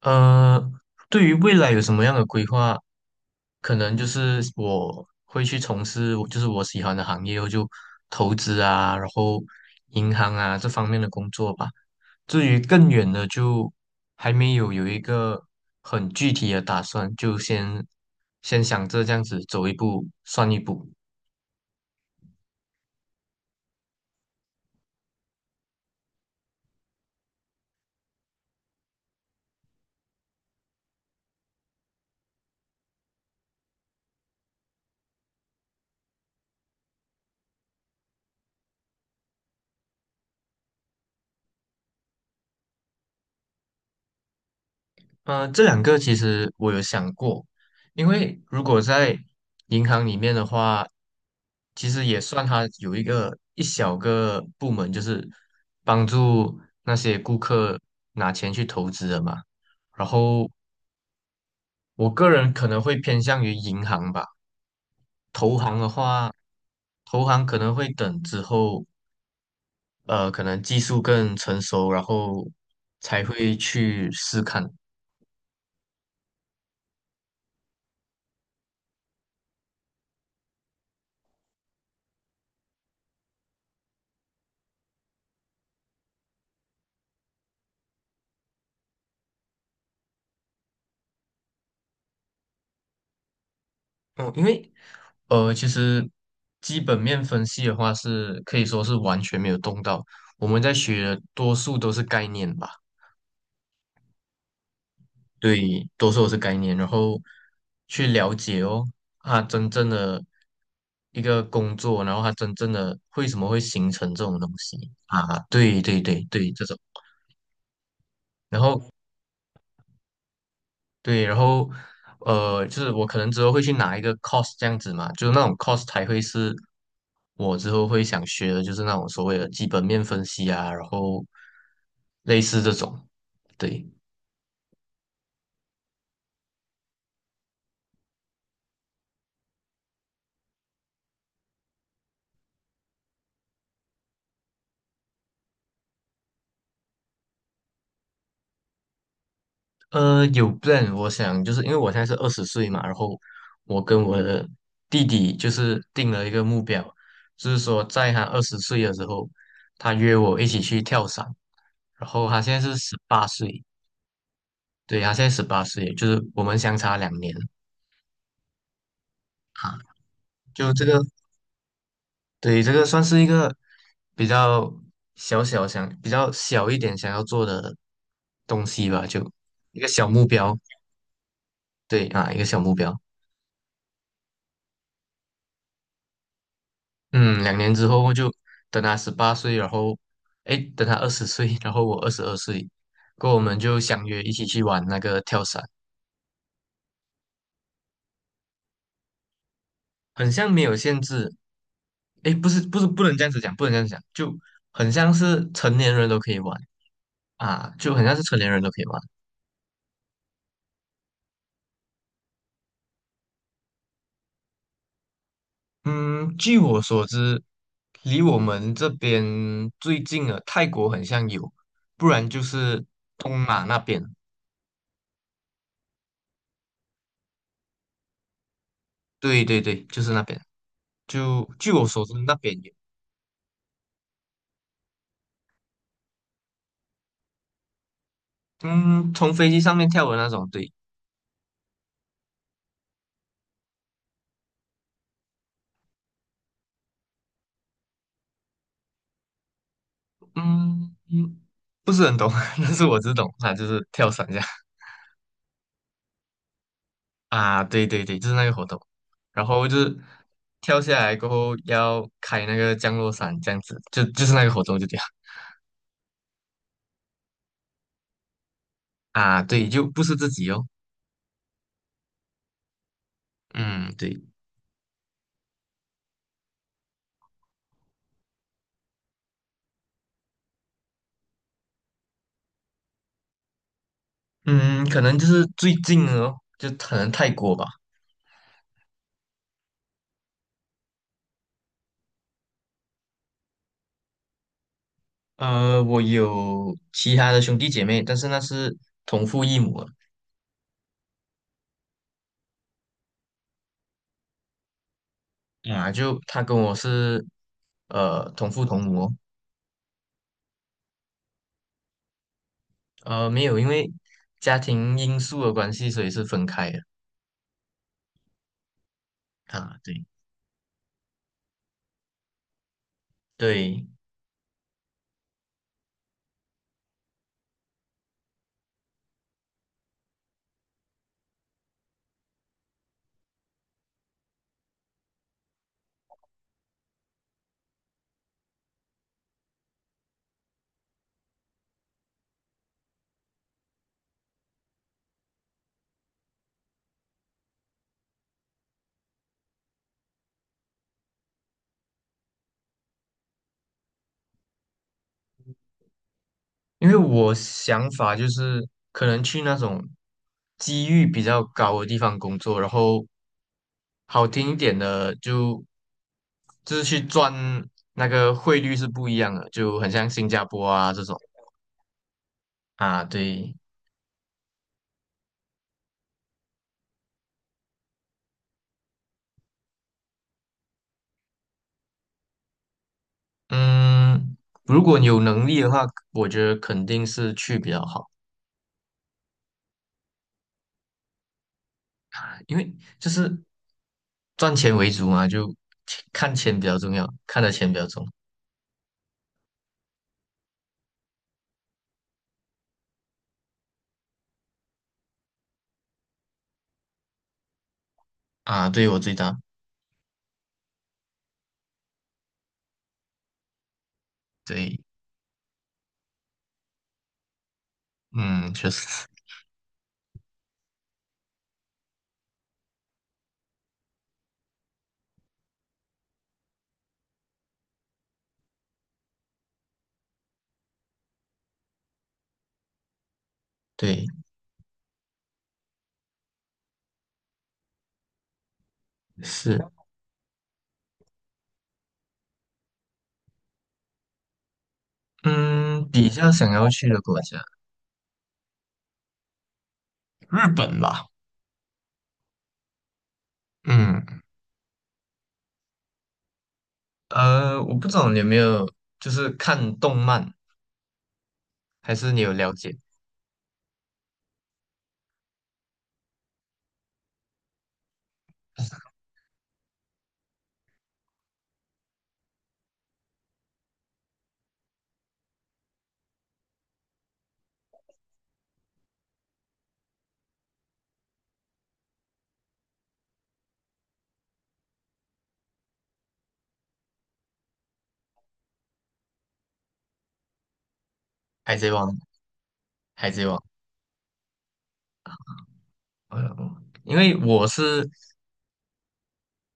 呃，对于未来有什么样的规划？可能就是我会去从事我就是我喜欢的行业，我就投资啊，然后银行啊这方面的工作吧。至于更远的，就还没有一个很具体的打算，就先想着这样子走一步算一步。呃，这两个其实我有想过，因为如果在银行里面的话，其实也算它有一个一小个部门，就是帮助那些顾客拿钱去投资的嘛。然后我个人可能会偏向于银行吧，投行的话，投行可能会等之后，呃，可能技术更成熟，然后才会去试看。嗯，因为呃，其实基本面分析的话是可以说是完全没有动到。我们在学的多数都是概念吧。对，多数都是概念，然后去了解哦，它真正的一个工作，然后它真正的为什么会形成这种东西。啊？对对对对，这种。然后对，然后呃，就是我可能之后会去拿一个 c o s 这样子嘛，就是那种 c o s e 才会是我之后会想学的，就是那种所谓的基本面分析啊，然后类似这种。对。呃，有 plan,我想就是因为我现在是二十岁嘛，然后我跟我的弟弟就是定了一个目标，就是说在他二十岁的时候，他约我一起去跳伞，然后他现在是十八岁。对，他现在十八岁，就是我们相差两年。啊。就这个，对，这个算是一个比较小小想，比较小一点想要做的东西吧，就一个小目标。对啊，一个小目标。嗯，两年之后就等他十八岁，然后哎，诶等他二十岁，然后我二十二岁，过后我们就相约一起去玩那个跳伞。很像没有限制，哎，不是不能这样子讲，不能这样子讲，就很像是成年人都可以玩。啊，就很像是成年人都可以玩。嗯，据我所知，离我们这边最近的泰国很像有，不然就是东马那边。对对对，就是那边。就据我所知，那边有。嗯，从飞机上面跳的那种，对。嗯,不是很懂，但是我只懂啊，就是跳伞这样。啊，对对对，就是那个活动。然后就是跳下来过后要开那个降落伞，这样子，就是那个活动就这样。啊，对，就不是自己哦。嗯，对。嗯，可能就是最近哦，就可能泰国吧。呃，我有其他的兄弟姐妹，但是那是同父异母的。啊，就他跟我是呃同父同母哦。呃，没有因为家庭因素的关系，所以是分开的。啊，对对，因为我想法就是可能去那种机遇比较高的地方工作，然后好听一点的就是去赚，那个汇率是不一样的，就很像新加坡啊这种。啊，对。嗯，如果你有能力的话，我觉得肯定是去比较好，因为就是赚钱为主嘛，就看钱比较重要，看的钱比较重。啊，对我最大。对。嗯，确实。对。是。嗯，比较想要去的国家，日本吧。嗯，呃，我不知道你有没有就是看动漫，还是你有了解《海贼王》？《海贼王》，呃，因为我是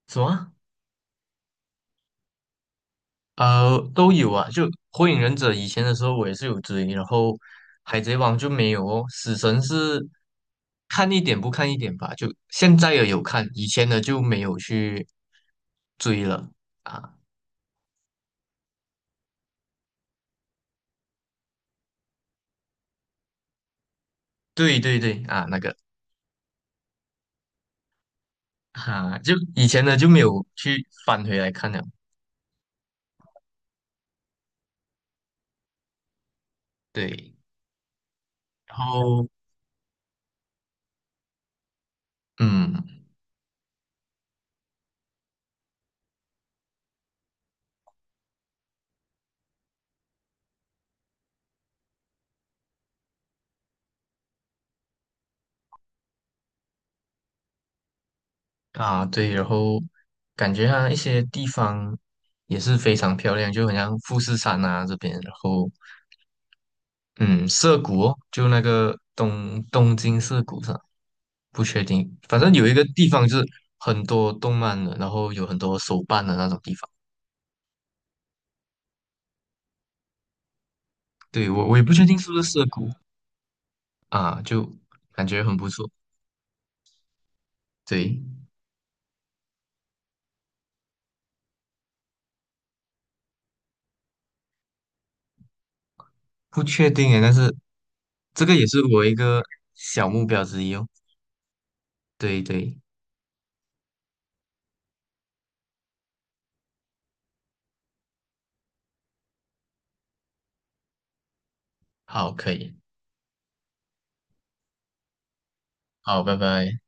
什么，啊呃都有啊，就《火影忍者》以前的时候我也是有追，然后《海贼王》就没有哦，《死神》是看一点不看一点吧，就现在也有看，以前的就没有去追了。啊，对对对啊，那个。哈、就以前的就没有去翻回来看了。对，然后嗯。啊对，然后感觉它一些地方也是非常漂亮，就很像富士山啊这边，然后嗯涩谷哦，就那个东京涩谷上，不确定，反正有一个地方就是很多动漫的，然后有很多手办的那种地方。对，我也不确定是不是涩谷啊，就感觉很不错。对。不确定诶，但是这个也是我一个小目标之一哦。对对，好，可以，好，拜拜。